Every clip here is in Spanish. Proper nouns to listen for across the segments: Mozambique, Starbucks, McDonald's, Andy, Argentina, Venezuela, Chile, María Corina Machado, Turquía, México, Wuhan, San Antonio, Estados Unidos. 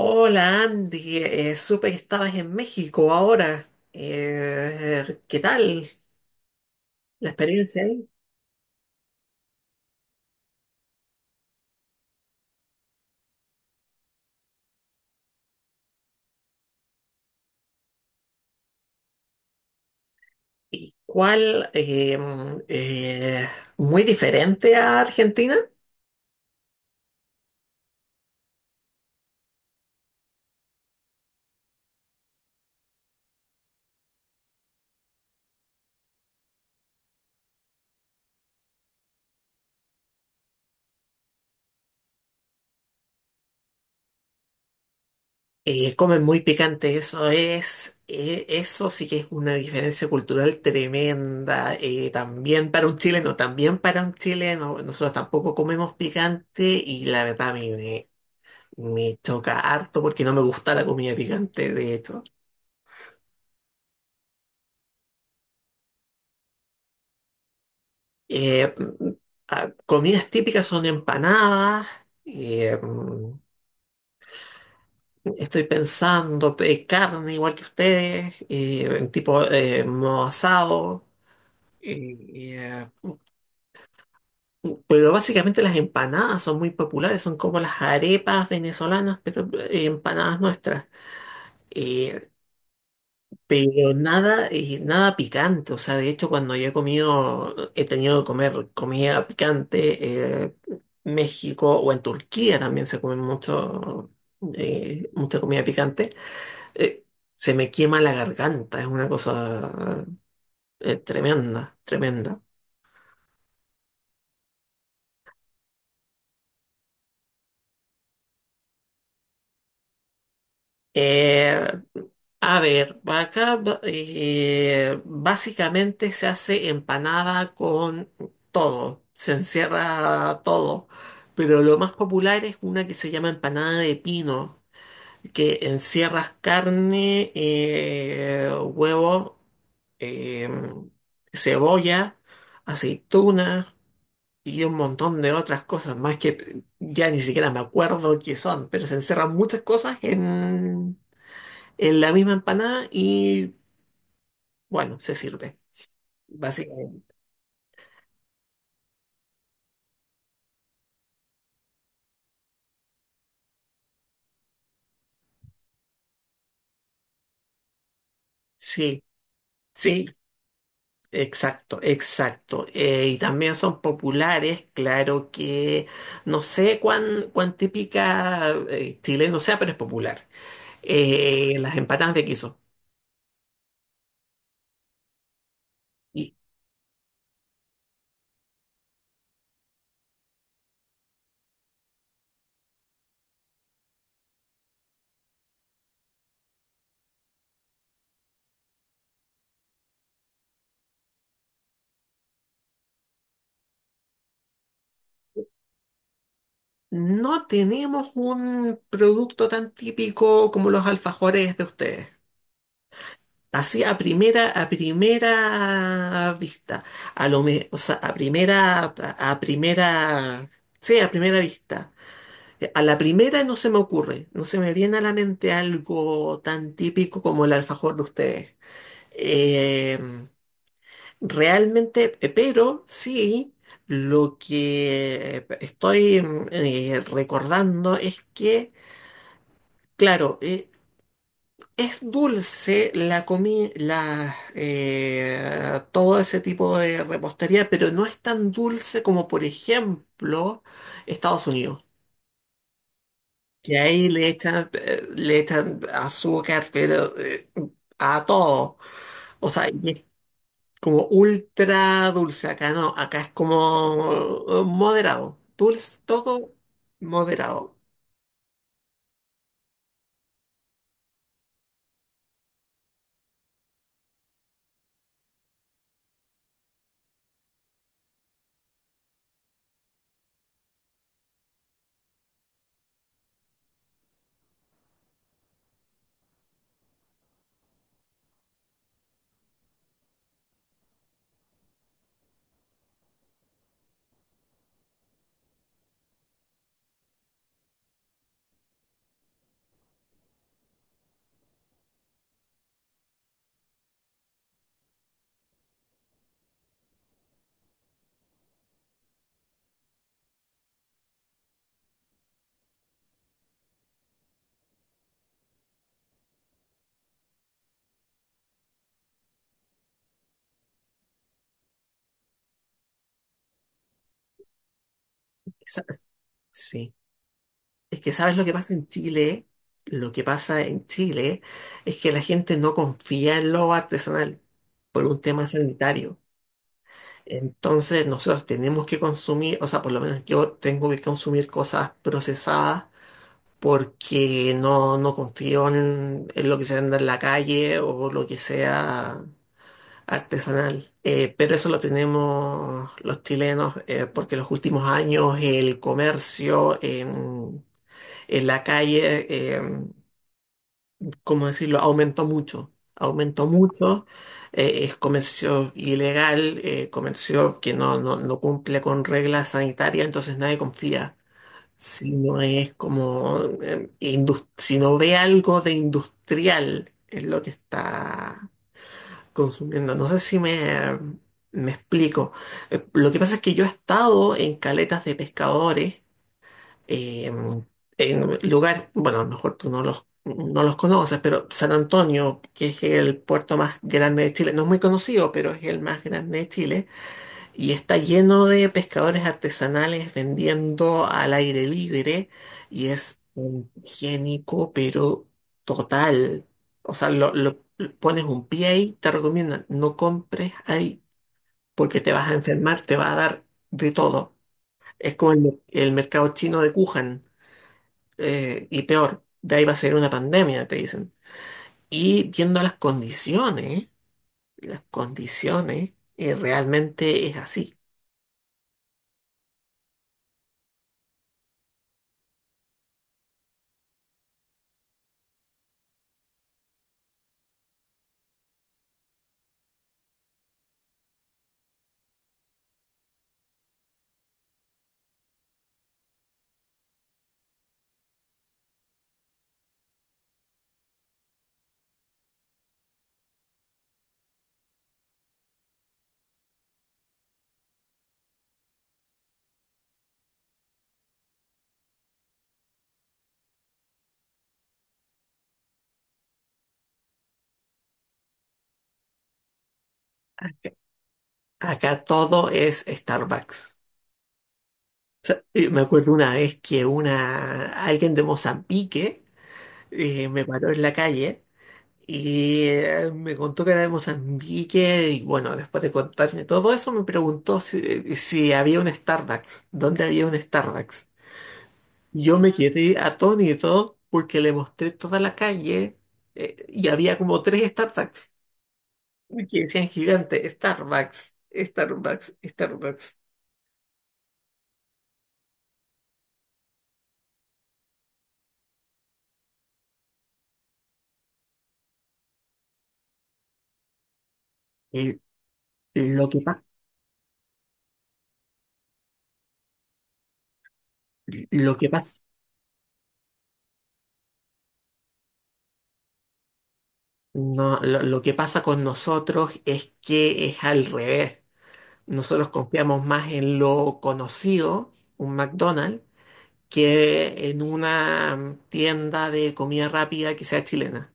Hola Andy, supe que estabas en México ahora. ¿Qué tal la experiencia ahí? ¿Cuál? Muy diferente a Argentina. Comen muy picante, eso es, eso sí que es una diferencia cultural tremenda. También para un chileno, nosotros tampoco comemos picante y la verdad me choca harto porque no me gusta la comida picante, de hecho. Eh, Comidas típicas son empanadas. eh, Estoy pensando, carne igual que ustedes, en tipo modo asado. eh, pero básicamente las empanadas son muy populares, son como las arepas venezolanas, pero empanadas nuestras. Eh, Pero nada, nada picante, o sea, de hecho cuando yo he comido, he tenido que comer comida picante, México o en Turquía también se come mucho, mucha comida picante, eh, se me quema la garganta, es una cosa, tremenda, tremenda. Eh, A ver, básicamente se hace empanada con todo, se encierra todo, pero lo más popular es una que se llama empanada de pino, que encierras carne, huevo, eh, cebolla, aceituna y un montón de otras cosas más que ya ni siquiera me acuerdo qué son, pero se encierran muchas cosas en la misma empanada y bueno, se sirve, básicamente. Sí, sí, exacto, exacto. Y también son populares, claro que no sé cuán típica chileno sea, pero es popular. Las empanadas de queso. Y no tenemos un producto tan típico como los alfajores de ustedes. Así a primera vista, o sea, a primera, sí, a primera vista. A la primera no se me ocurre, no se me viene a la mente algo tan típico como el alfajor de ustedes. Eh, pero sí, lo que estoy recordando es que, claro, es dulce la comida, todo ese tipo de repostería, pero no es tan dulce como, por ejemplo, Estados Unidos. Que ahí le echan azúcar, a todo. O sea, y es como ultra dulce. Acá no, acá es como moderado. Dulce, todo moderado. Sa- Sí. Es que ¿sabes lo que pasa en Chile? Lo que pasa en Chile es que la gente no confía en lo artesanal por un tema sanitario. Entonces nosotros tenemos que consumir, o sea, por lo menos yo tengo que consumir cosas procesadas porque no confío en lo que se anda en la calle o lo que sea artesanal. Pero eso lo tenemos los chilenos, porque los últimos años el comercio en la calle, eh, ¿cómo decirlo?, aumentó mucho. Aumentó mucho, es comercio ilegal, comercio que no cumple con reglas sanitarias, entonces nadie confía. Si no es como, si no ve algo de industrial en lo que está consumiendo. No sé si me explico. Lo que pasa es que yo he estado en caletas de pescadores, eh, en lugares, bueno, a lo mejor tú no los conoces, pero San Antonio, que es el puerto más grande de Chile, no es muy conocido, pero es el más grande de Chile y está lleno de pescadores artesanales vendiendo al aire libre y es un higiénico, pero total. O sea, pones un pie ahí, te recomiendan, no compres ahí porque te vas a enfermar, te va a dar de todo. Es como el, el mercado chino de Wuhan y peor, de ahí va a ser una pandemia, te dicen. Y viendo las condiciones, realmente es así. Acá todo es Starbucks. Y me acuerdo una vez que una alguien de Mozambique me paró en la calle y me contó que era de Mozambique y bueno, después de contarme todo eso me preguntó si, si había un Starbucks, dónde había un Starbucks. Yo me quedé atónito porque le mostré toda la calle y había como tres Starbucks que decían gigante, Starbucks, Starbucks, Starbucks. Y lo que pasa Lo que pasa, no, lo que pasa con nosotros es que es al revés. Nosotros confiamos más en lo conocido, un McDonald's, que en una tienda de comida rápida que sea chilena.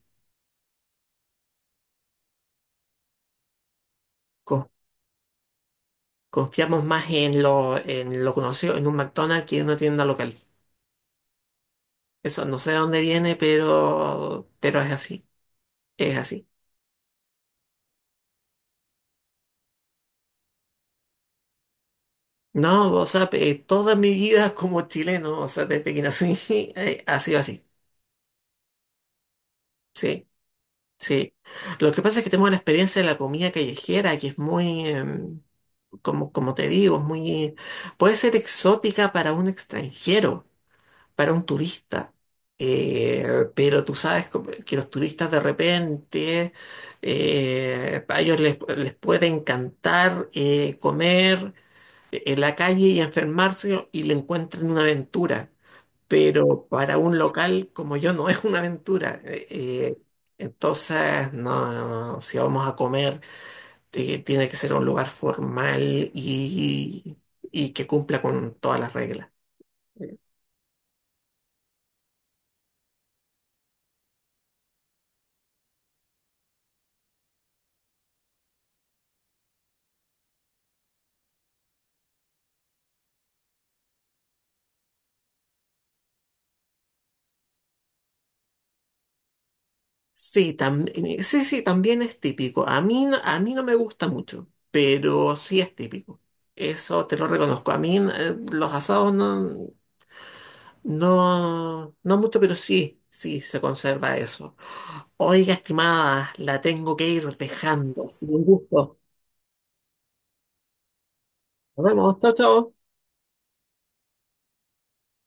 Con- Confiamos más en lo conocido, en un McDonald's que en una tienda local. Eso no sé de dónde viene, pero es así. Es así. No, o sea, toda mi vida como chileno, o sea, desde que nací, ha sido así. Sí. Sí, lo que pasa es que tengo la experiencia de la comida callejera, que es muy, como, como te digo, es muy, puede ser exótica para un extranjero, para un turista. Eh, pero tú sabes que los turistas de repente, a ellos les puede encantar comer en la calle y enfermarse y le encuentran una aventura, pero para un local como yo no es una aventura. Entonces, no, si vamos a comer, tiene que ser un lugar formal y que cumpla con todas las reglas. Eh, Sí, también, sí, sí, también es típico. A mí, a mí no me gusta mucho, pero sí es típico. Eso te lo reconozco. A mí los asados no mucho, pero sí, sí se conserva eso. Oiga, estimada, la tengo que ir dejando. Ha sido un gusto. Nos vemos. Chao, chao.